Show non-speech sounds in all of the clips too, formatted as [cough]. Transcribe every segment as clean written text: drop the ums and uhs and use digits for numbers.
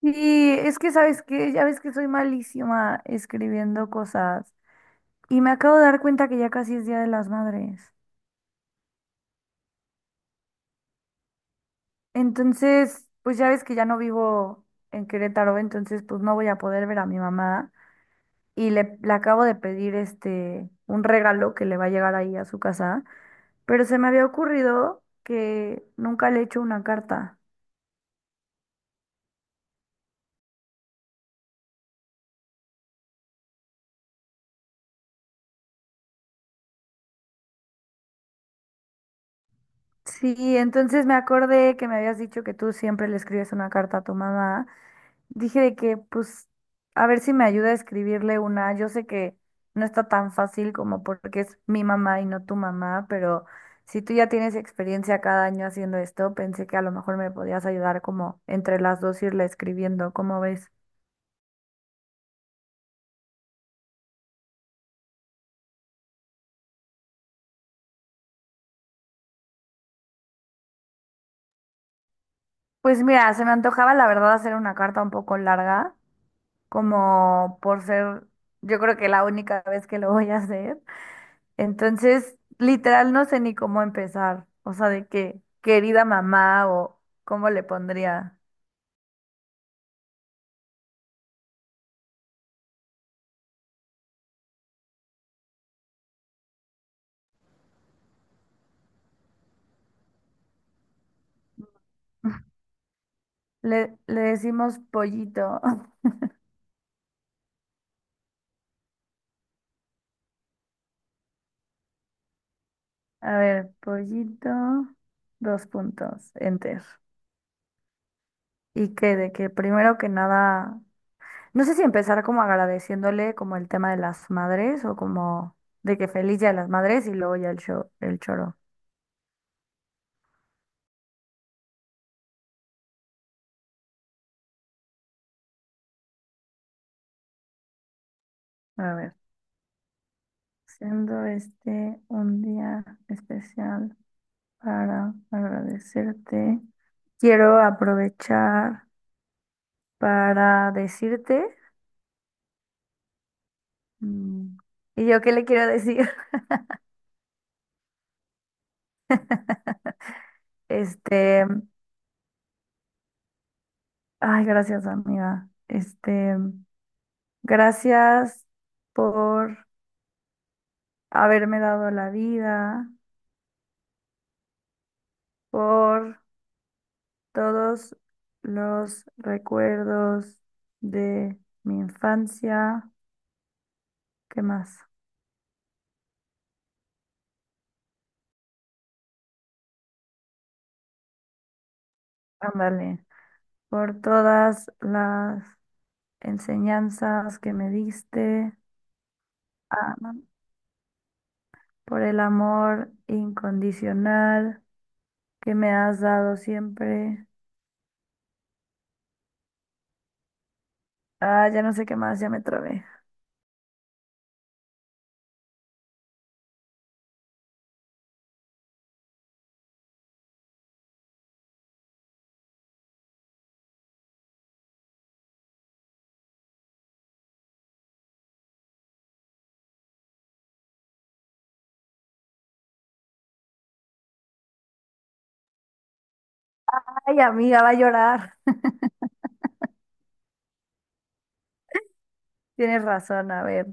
Y es que sabes que ya ves que soy malísima escribiendo cosas. Y me acabo de dar cuenta que ya casi es Día de las Madres. Entonces, pues ya ves que ya no vivo en Querétaro, entonces pues no voy a poder ver a mi mamá. Y le acabo de pedir un regalo que le va a llegar ahí a su casa. Pero se me había ocurrido que nunca le he hecho una carta. Sí, entonces me acordé que me habías dicho que tú siempre le escribes una carta a tu mamá. Dije de que, pues, a ver si me ayuda a escribirle una. Yo sé que no está tan fácil como porque es mi mamá y no tu mamá, pero si tú ya tienes experiencia cada año haciendo esto, pensé que a lo mejor me podías ayudar como entre las dos irle escribiendo, ¿cómo ves? Pues mira, se me antojaba la verdad hacer una carta un poco larga, como por ser, yo creo que la única vez que lo voy a hacer. Entonces, literal, no sé ni cómo empezar. O sea, de que querida mamá o cómo le pondría. Le decimos pollito. [laughs] A ver, pollito, dos puntos, enter. Y que de que primero que nada, no sé si empezar como agradeciéndole como el tema de las madres o como de que feliz día de las madres y luego ya el show, el choro. A ver, siendo este un día especial para agradecerte. Quiero aprovechar para decirte, mm, ¿y yo qué le quiero decir? [laughs] Este, ay, gracias, amiga. Gracias por haberme dado la vida, por todos los recuerdos de mi infancia. ¿Qué más? Ándale, por todas las enseñanzas que me diste, ah, por el amor incondicional que me has dado siempre. Ah, ya no sé qué más, ya me trabé. Ay, amiga, va a llorar. Tienes razón, a ver.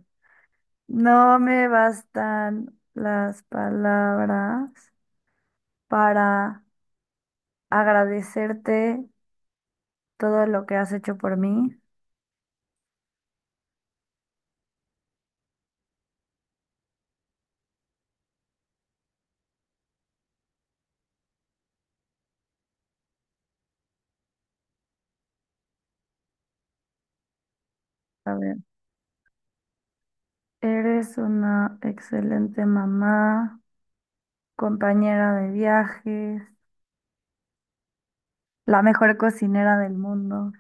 No me bastan las palabras para agradecerte todo lo que has hecho por mí. A ver, eres una excelente mamá, compañera de viajes, la mejor cocinera del mundo.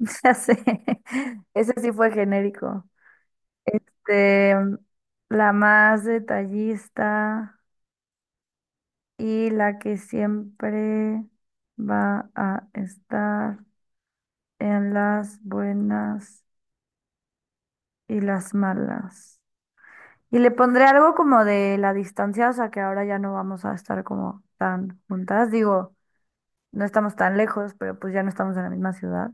[laughs] Ya sé. Ese sí fue genérico. Este, la más detallista y la que siempre va a estar en las buenas y las malas. Y le pondré algo como de la distancia, o sea que ahora ya no vamos a estar como tan juntas. Digo, no estamos tan lejos, pero pues ya no estamos en la misma ciudad.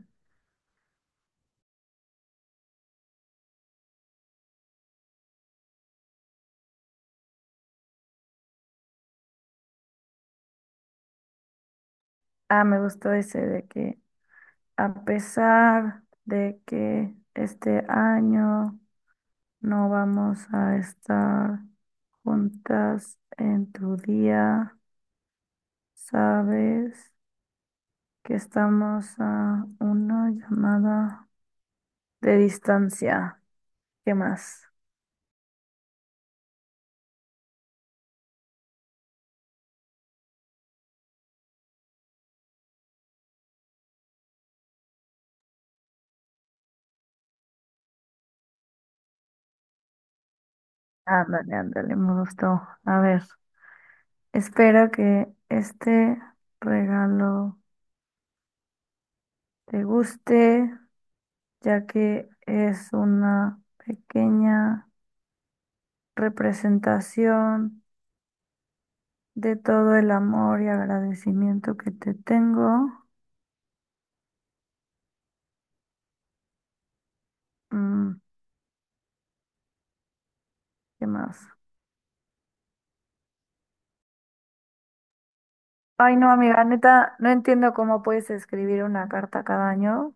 Ah, me gustó ese de que a pesar de que este año no vamos a estar juntas en tu día, sabes que estamos a una llamada de distancia. ¿Qué más? Ándale, ándale, me gustó. A ver, espero que este regalo te guste, ya que es una pequeña representación de todo el amor y agradecimiento que te tengo. Mm, ¿qué más? Ay, no, amiga, neta, no entiendo cómo puedes escribir una carta cada año.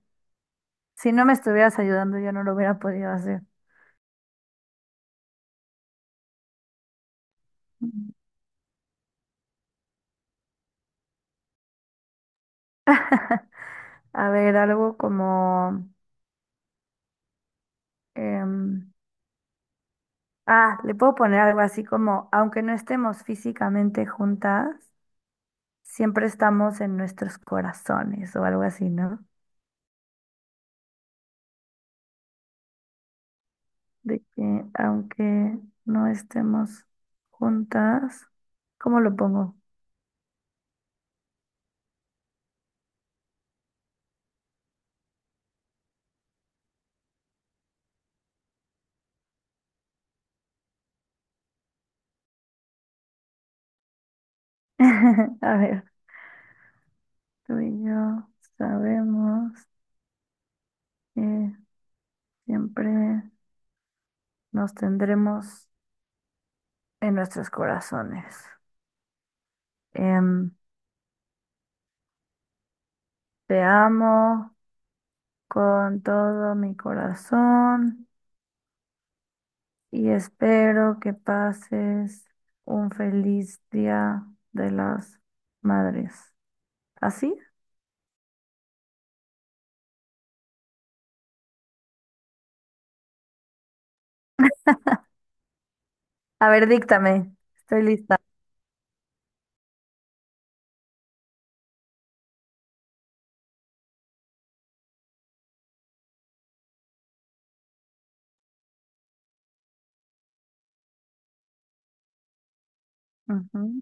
Si no me estuvieras ayudando, yo no lo hubiera podido hacer. Mm. [laughs] A ver, algo como... em, ah, le puedo poner algo así como, aunque no estemos físicamente juntas, siempre estamos en nuestros corazones o algo así, ¿no? De que aunque no estemos juntas, ¿cómo lo pongo? [laughs] A ver, tú y yo sabemos que siempre nos tendremos en nuestros corazones. Em, te amo con todo mi corazón y espero que pases un feliz día de las madres. ¿Así? A ver, díctame. Estoy lista. Ujú.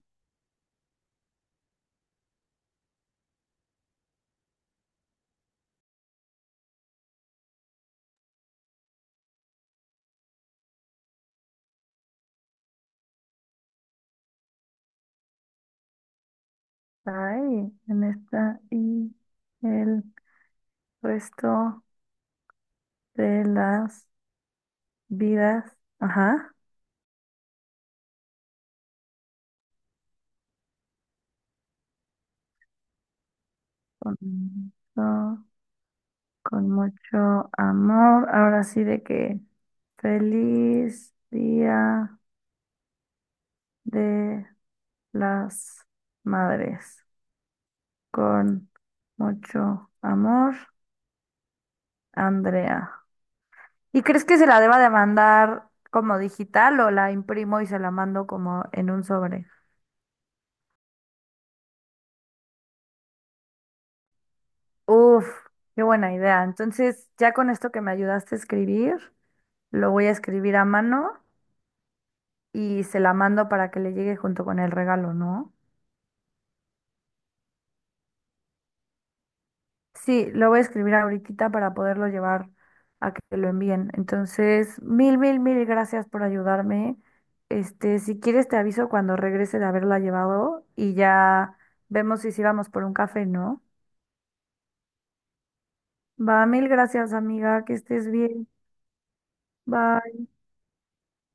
Ay, en esta y el resto de las vidas, ajá, con, mucho- con mucho amor. Ahora sí de que feliz día de las madres, con mucho amor, Andrea. ¿Y crees que se la deba de mandar como digital o la imprimo y se la mando como en un sobre? Uf, qué buena idea. Entonces, ya con esto que me ayudaste a escribir, lo voy a escribir a mano y se la mando para que le llegue junto con el regalo, ¿no? Sí, lo voy a escribir ahorita para poderlo llevar a que lo envíen. Entonces, mil gracias por ayudarme. Si quieres te aviso cuando regrese de haberla llevado y ya vemos si sí vamos por un café, ¿no? Va, mil gracias, amiga, que estés bien. Bye.